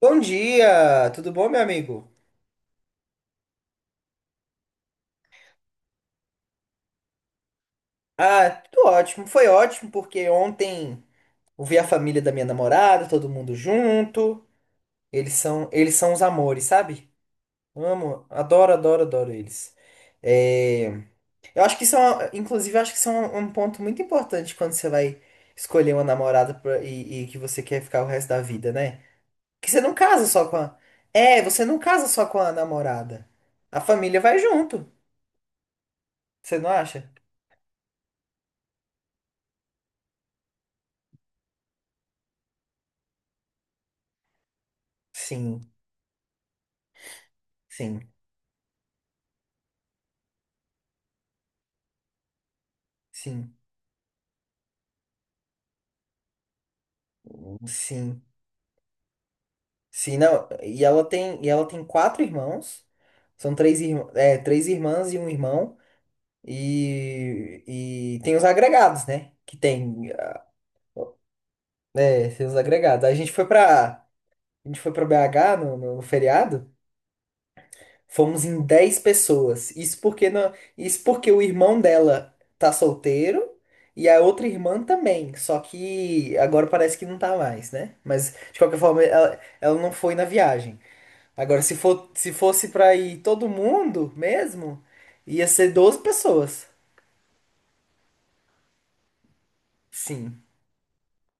Bom dia, tudo bom, meu amigo? Ah, tudo ótimo. Foi ótimo porque ontem eu vi a família da minha namorada, todo mundo junto. Eles são os amores, sabe? Amo, adoro eles. É, eu acho que inclusive, eu acho que isso é um ponto muito importante quando você vai escolher uma namorada e que você quer ficar o resto da vida, né? Que você não casa só com a... É, você não casa só com a namorada. A família vai junto, você não acha? Sim, sim. Sim, sim, sim, não, e ela tem 4 irmãos, são 3 irmãs e um irmão, e tem os agregados, né, tem os agregados, a gente foi pra BH no feriado, fomos em 10 pessoas, isso porque, não, isso porque o irmão dela tá solteiro, e a outra irmã também, só que agora parece que não tá mais, né, mas de qualquer forma, ela não foi na viagem. Agora, se fosse pra ir todo mundo mesmo, ia ser 12 pessoas. Sim.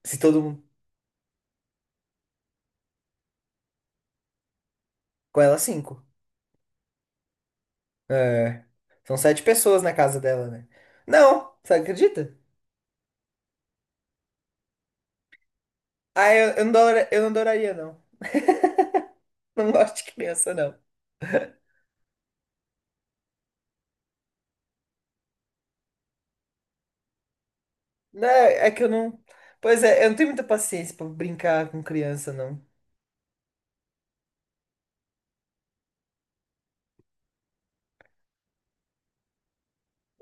Se todo mundo. Com ela, cinco. É. São 7 pessoas na casa dela, né? Não, você acredita? Ah, eu não adoraria, não. Não gosto de criança, não. Não, é que eu não. Pois é, eu não tenho muita paciência pra brincar com criança, não.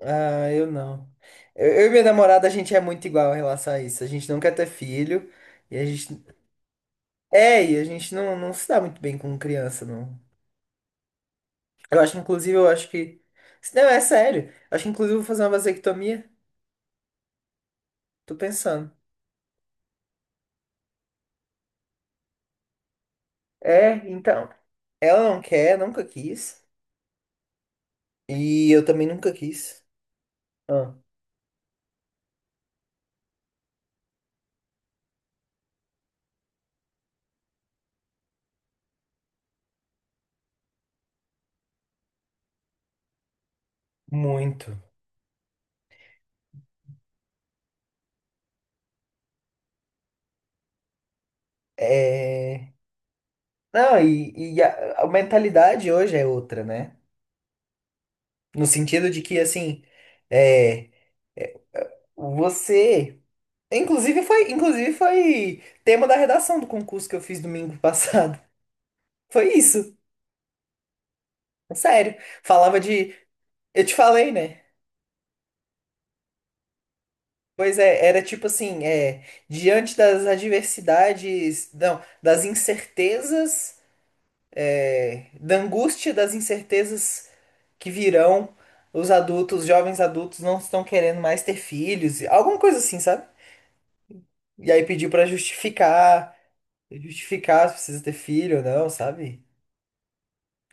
Ah, eu não. Eu e minha namorada, a gente é muito igual em relação a isso. A gente não quer ter filho. E a gente, é, e a gente não se dá muito bem com criança, não. Eu acho, inclusive, eu acho que. Não, é sério. Eu acho que, inclusive, eu vou fazer uma vasectomia. Tô pensando. É, então. Ela não quer, nunca quis. E eu também nunca quis. Ah, muito. É. Não, e a mentalidade hoje é outra, né? No sentido de que, assim. É. Você. Inclusive foi tema da redação do concurso que eu fiz domingo passado. Foi isso. Sério, falava de. Eu te falei, né? Pois é, era tipo assim, é, diante das adversidades, não, das incertezas, é, da angústia das incertezas que virão, os adultos, os jovens adultos não estão querendo mais ter filhos, alguma coisa assim, sabe? E aí pediu pra justificar, justificar se precisa ter filho ou não, sabe?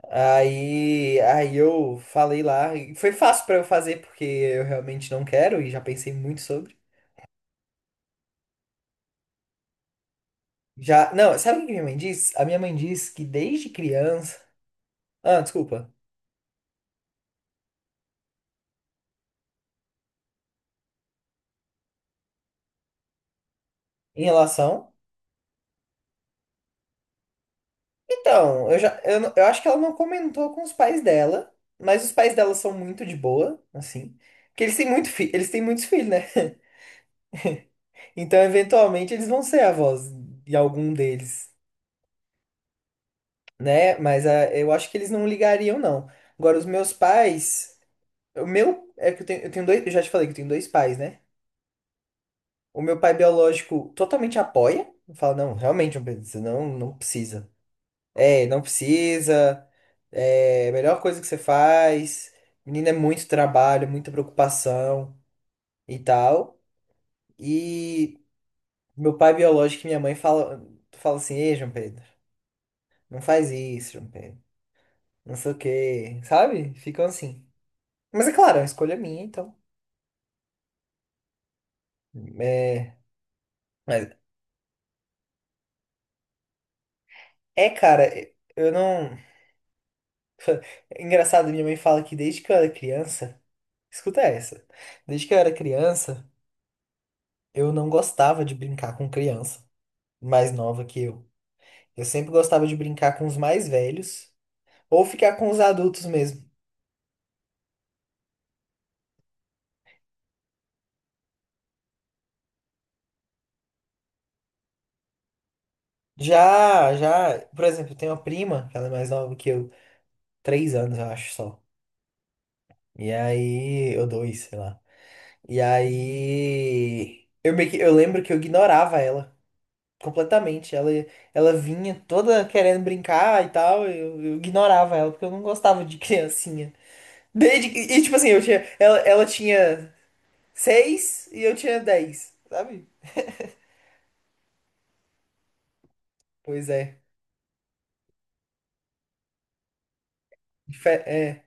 Aí eu falei lá, e foi fácil pra eu fazer porque eu realmente não quero e já pensei muito sobre. Já, não, sabe o que que minha mãe diz? A minha mãe diz que desde criança. Ah, desculpa. Em relação. Então, eu acho que ela não comentou com os pais dela, mas os pais dela são muito de boa, assim. Porque eles têm muitos filhos, né? Então, eventualmente, eles vão ser avós de algum deles, né? Mas ah, eu acho que eles não ligariam, não. Agora, os meus pais. O meu é que eu tenho dois. Eu já te falei que eu tenho dois pais, né? O meu pai biológico totalmente apoia. Fala, não, realmente não precisa, não precisa. É, não precisa. É a melhor coisa que você faz. Menina, é muito trabalho, muita preocupação e tal. E meu pai biológico e minha mãe fala, fala assim, ei, João Pedro, não faz isso, João Pedro. Não sei o quê, sabe? Ficam assim. Mas é claro, é uma escolha minha, então. É, mas é, cara, eu não. É engraçado, minha mãe fala que desde que eu era criança. Escuta essa. Desde que eu era criança, eu não gostava de brincar com criança mais nova que eu. Eu sempre gostava de brincar com os mais velhos ou ficar com os adultos mesmo. Por exemplo, eu tenho uma prima, que ela é mais nova que eu, 3 anos, eu acho só. E aí, ou dois, sei lá. E aí, eu lembro que eu ignorava ela completamente. Ela vinha toda querendo brincar e tal, eu ignorava ela porque eu não gostava de criancinha. Tipo assim, ela tinha seis e eu tinha 10, sabe? Pois é. É.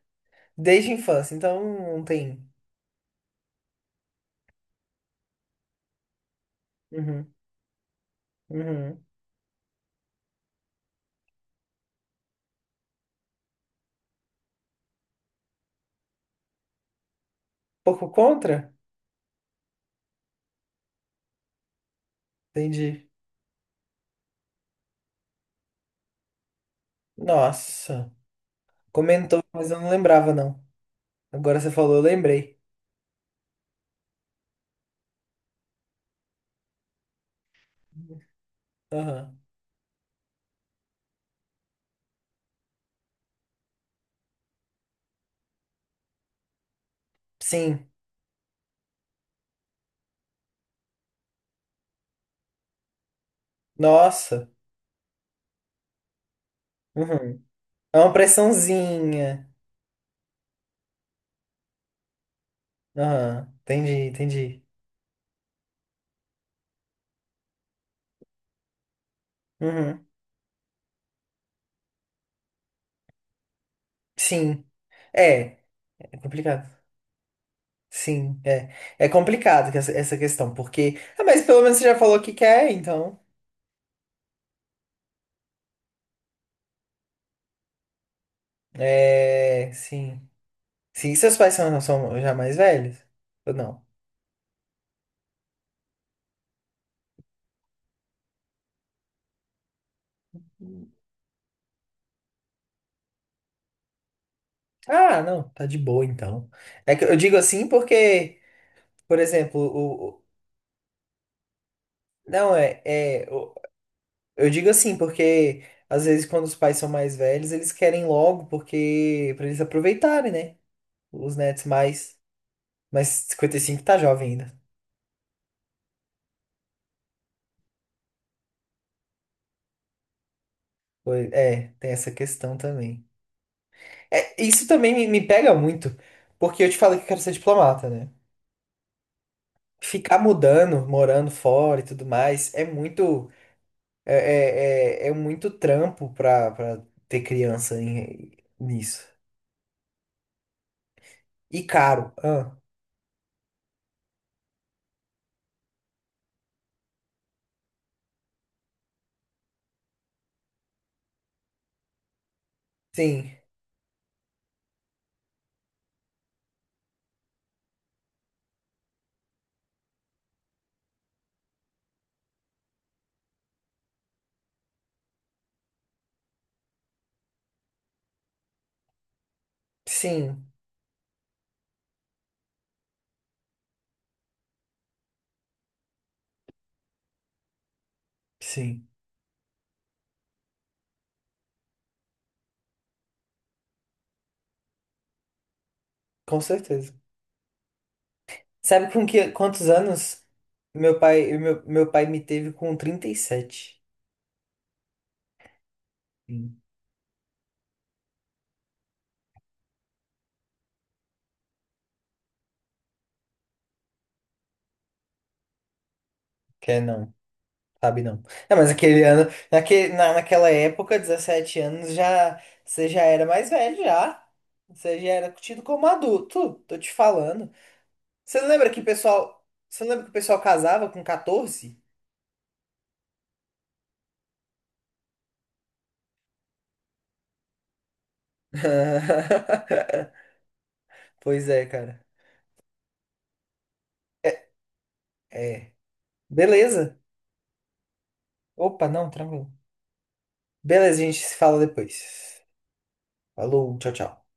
Desde a infância, então não tem. Uhum, uhum. Pouco contra? Entendi. Nossa. Comentou, mas eu não lembrava, não. Agora você falou, eu lembrei. Aham. Sim. Nossa. Uhum. É uma pressãozinha. Aham. Entendi, entendi. Uhum. Sim. É, é complicado. Sim, é. É complicado que essa questão, porque. Ah, mas pelo menos você já falou que quer, então. É, sim. Sim, são já mais velhos? Ou não? Ah, não, tá de boa então. É que eu digo assim porque, por exemplo, não, é. Eu digo assim porque, às vezes, quando os pais são mais velhos, eles querem logo, porque. Pra eles aproveitarem, né? Os netos mais. Mas 55 tá jovem ainda. É, tem essa questão também. É, isso também me pega muito, porque eu te falei que eu quero ser diplomata, né? Ficar mudando, morando fora e tudo mais, é muito, é muito trampo pra ter criança nisso. E caro. Ah, sim, sim, sim, com certeza. Sabe com que, quantos anos meu pai, meu pai me teve com 37? Hum. Quer não? Sabe não. É, mas aquele ano, naquela época, 17 anos, já você já era mais velho já. Você já era tido como adulto, tô te falando. Você não lembra que o pessoal, você não lembra que o pessoal casava com 14? Pois é, cara. É. é. Beleza. Opa, não, tranquilo. Beleza, a gente se fala depois. Falou, tchau, tchau.